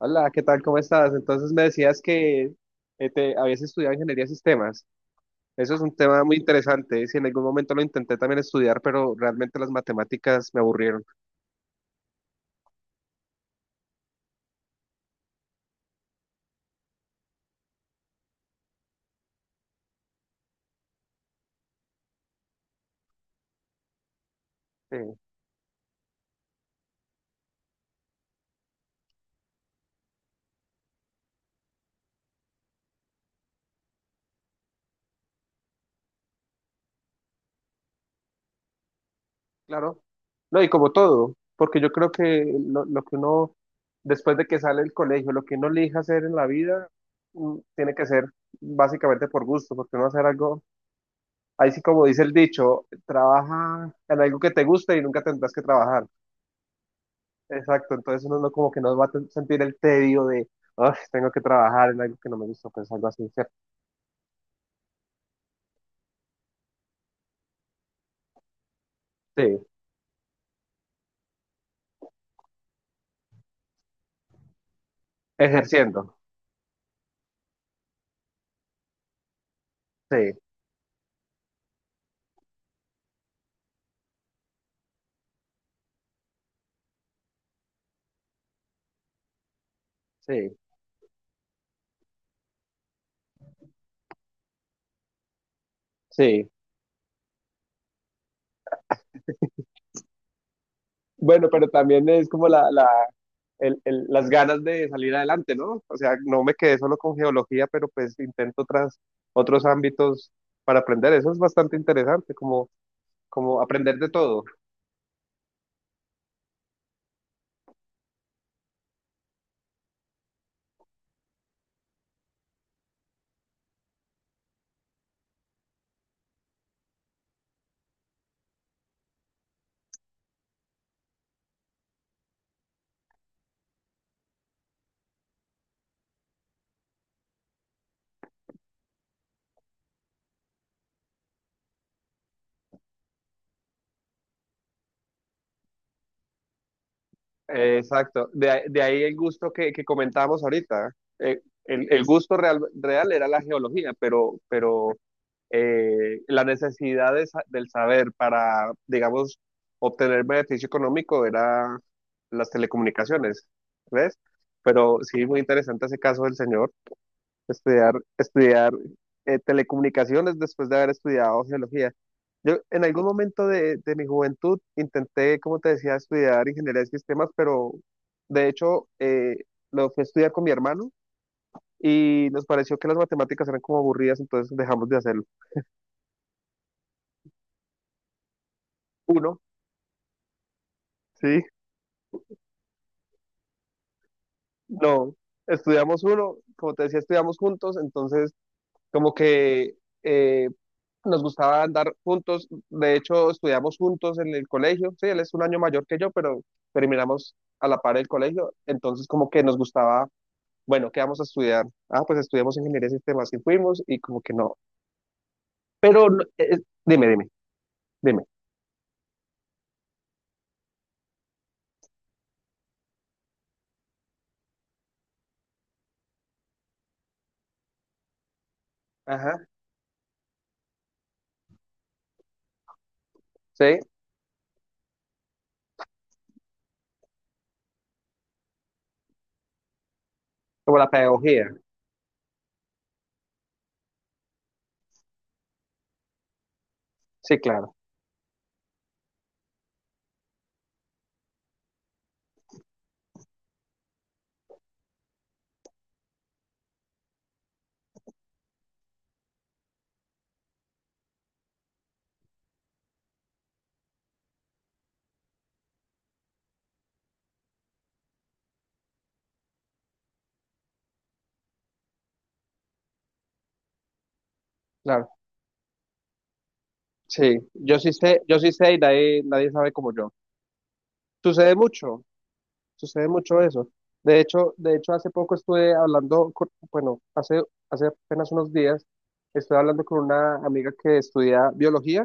Hola, ¿qué tal? ¿Cómo estás? Entonces me decías que te habías estudiado ingeniería de sistemas. Eso es un tema muy interesante. Si en algún momento lo intenté también estudiar, pero realmente las matemáticas me aburrieron. Eh, claro. No, y como todo, porque yo creo que lo que uno, después de que sale del colegio, lo que uno elija hacer en la vida, tiene que ser básicamente por gusto, porque uno va a hacer algo, ahí sí como dice el dicho, trabaja en algo que te guste y nunca tendrás que trabajar. Exacto, entonces uno no como que no va a sentir el tedio de, "Ay, tengo que trabajar en algo que no me gusta, pues algo así", ¿cierto? Sí, ejerciendo, sí, sí, sí. Bueno, pero también es como las ganas de salir adelante, ¿no? O sea, no me quedé solo con geología, pero pues intento otros ámbitos para aprender. Eso es bastante interesante, como aprender de todo. Exacto. De ahí el gusto que comentábamos ahorita. El gusto real, real era la geología, pero la necesidad de del saber para, digamos, obtener beneficio económico era las telecomunicaciones, ¿ves? Pero sí, muy interesante ese caso del señor estudiar telecomunicaciones después de haber estudiado geología. Yo en algún momento de mi juventud intenté, como te decía, estudiar ingeniería de sistemas, pero de hecho lo fui a estudiar con mi hermano y nos pareció que las matemáticas eran como aburridas, entonces dejamos de hacerlo. Uno, sí, no, estudiamos uno, como te decía, estudiamos juntos, entonces como que... eh, nos gustaba andar juntos, de hecho estudiamos juntos en el colegio, sí, él es un año mayor que yo, pero terminamos a la par del colegio, entonces como que nos gustaba, bueno, ¿qué vamos a estudiar? Ah, pues estudiamos ingeniería de sistemas y fuimos y como que no, pero dime, dime, dime, ajá, sí, como la pedagogía, sí, claro, claro, sí, yo sí sé y nadie, nadie sabe como yo. Sucede mucho, sucede mucho eso. De hecho, hace poco estuve hablando, bueno, hace apenas unos días, estuve hablando con una amiga que estudia biología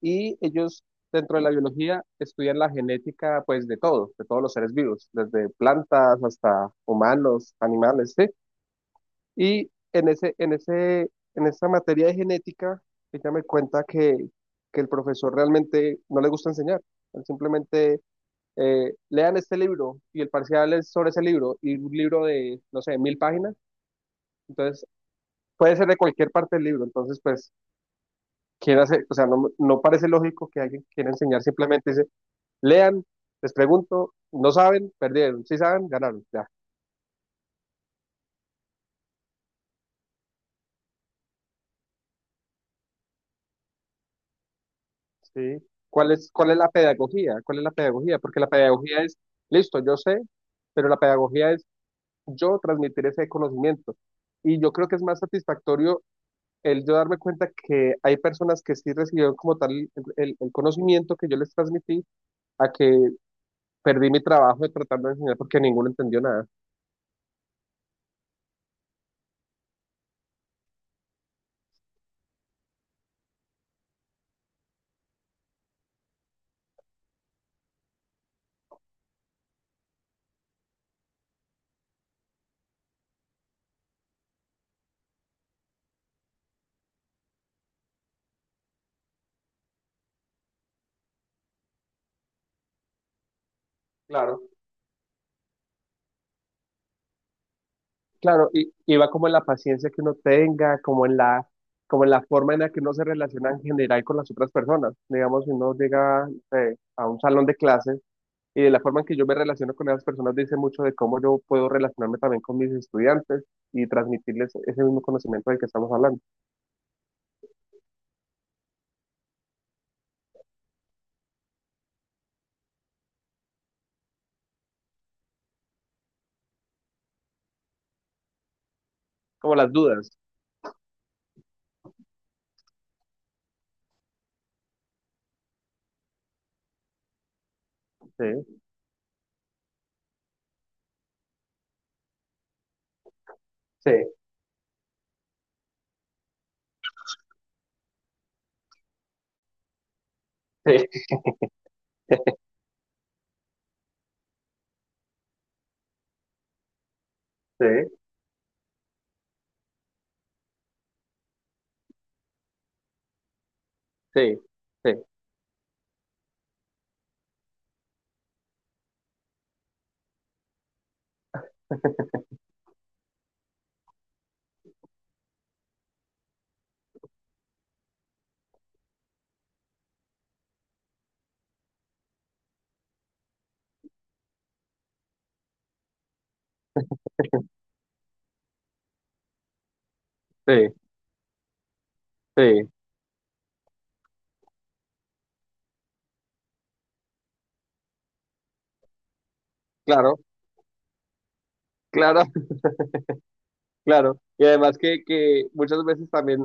y ellos dentro de la biología estudian la genética, pues, de todo, de todos los seres vivos, desde plantas hasta humanos, animales, ¿sí? Y en en esa materia de genética, ella me cuenta que el profesor realmente no le gusta enseñar, él simplemente lean este libro y el parcial es sobre ese libro y un libro de, no sé, 1.000 páginas, entonces puede ser de cualquier parte del libro, entonces pues quiere hacer, o sea, no parece lógico que alguien quiera enseñar simplemente dice, lean, les pregunto, no saben, perdieron, si saben, ganaron, ya, ¿sí? ¿Cuál es la pedagogía? ¿Cuál es la pedagogía? Porque la pedagogía es, listo, yo sé, pero la pedagogía es yo transmitir ese conocimiento. Y yo creo que es más satisfactorio el yo darme cuenta que hay personas que sí recibieron como tal el conocimiento que yo les transmití, a que perdí mi trabajo de tratando de enseñar porque ninguno entendió nada. Claro. Claro, y va como en la paciencia que uno tenga, como en la forma en la que uno se relaciona en general con las otras personas. Digamos, si uno llega, no sé, a un salón de clases y de la forma en que yo me relaciono con esas personas dice mucho de cómo yo puedo relacionarme también con mis estudiantes y transmitirles ese mismo conocimiento del que estamos hablando, como las dudas, ¿sí? Sí. Sí, sí, sí, sí, sí, sí, claro, claro, claro. Y además que muchas veces también,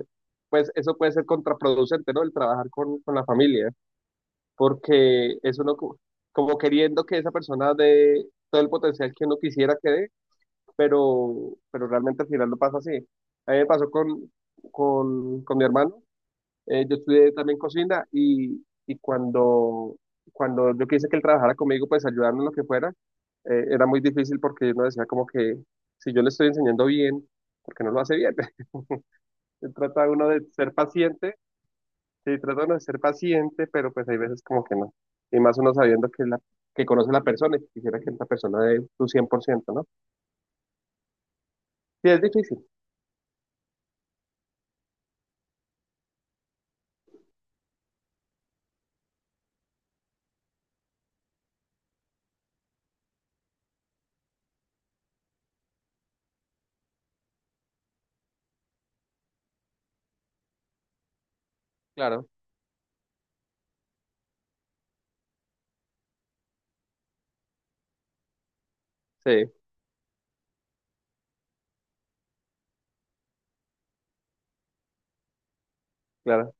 pues eso puede ser contraproducente, ¿no? El trabajar con la familia, porque es uno como queriendo que esa persona dé todo el potencial que uno quisiera que dé, pero realmente al final no pasa así. A mí me pasó con mi hermano. Yo estudié también cocina y cuando yo quise que él trabajara conmigo, pues ayudarme en lo que fuera, era muy difícil porque uno decía como que si yo le estoy enseñando bien, ¿por qué no lo hace bien? Trata uno de ser paciente, sí, trata uno de ser paciente, pero pues hay veces como que no. Y más uno sabiendo que conoce a la persona y que quisiera que esta persona dé su 100%, ¿no? Sí, es difícil, claro, sí, claro.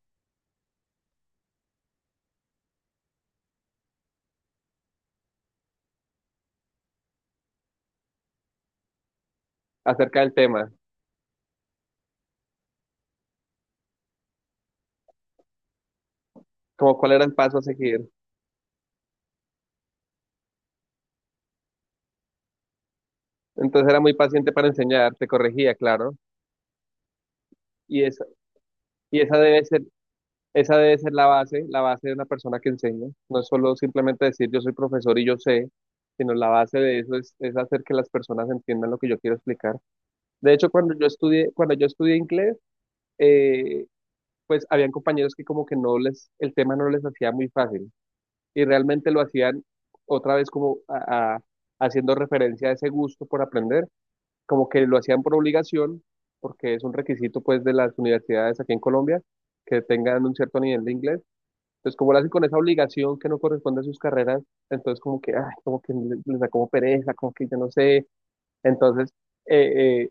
Acerca del tema, como cuál era el paso a seguir. Entonces era muy paciente para enseñar, te corregía, claro. Y esa, y esa debe ser la base, de una persona que enseña. No es solo simplemente decir yo soy profesor y yo sé, sino la base de eso es hacer que las personas entiendan lo que yo quiero explicar. De hecho, cuando yo estudié inglés, eh, pues habían compañeros que como que no les, el tema no les hacía muy fácil y realmente lo hacían otra vez como haciendo referencia a ese gusto por aprender como que lo hacían por obligación, porque es un requisito pues de las universidades aquí en Colombia, que tengan un cierto nivel de inglés. Entonces, como lo hacen con esa obligación que no corresponde a sus carreras, entonces como que, ay, como que les da como pereza, como que yo no sé. Entonces, eh, eh,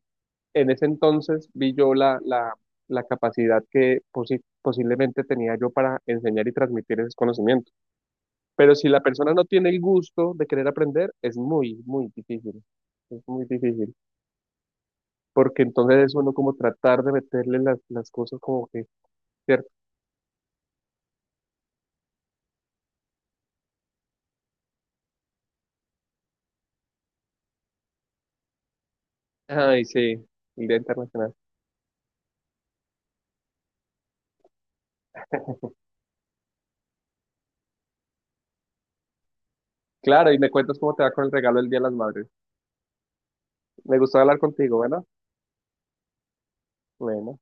en ese entonces vi yo la capacidad que posiblemente tenía yo para enseñar y transmitir esos conocimientos. Pero si la persona no tiene el gusto de querer aprender, es muy, muy difícil. Es muy difícil porque entonces es uno como tratar de meterle las cosas como que, ¿cierto? Ay, sí, el Día Internacional. Claro, y me cuentas cómo te va con el regalo del Día de las Madres. Me gustó hablar contigo, ¿verdad? Bueno.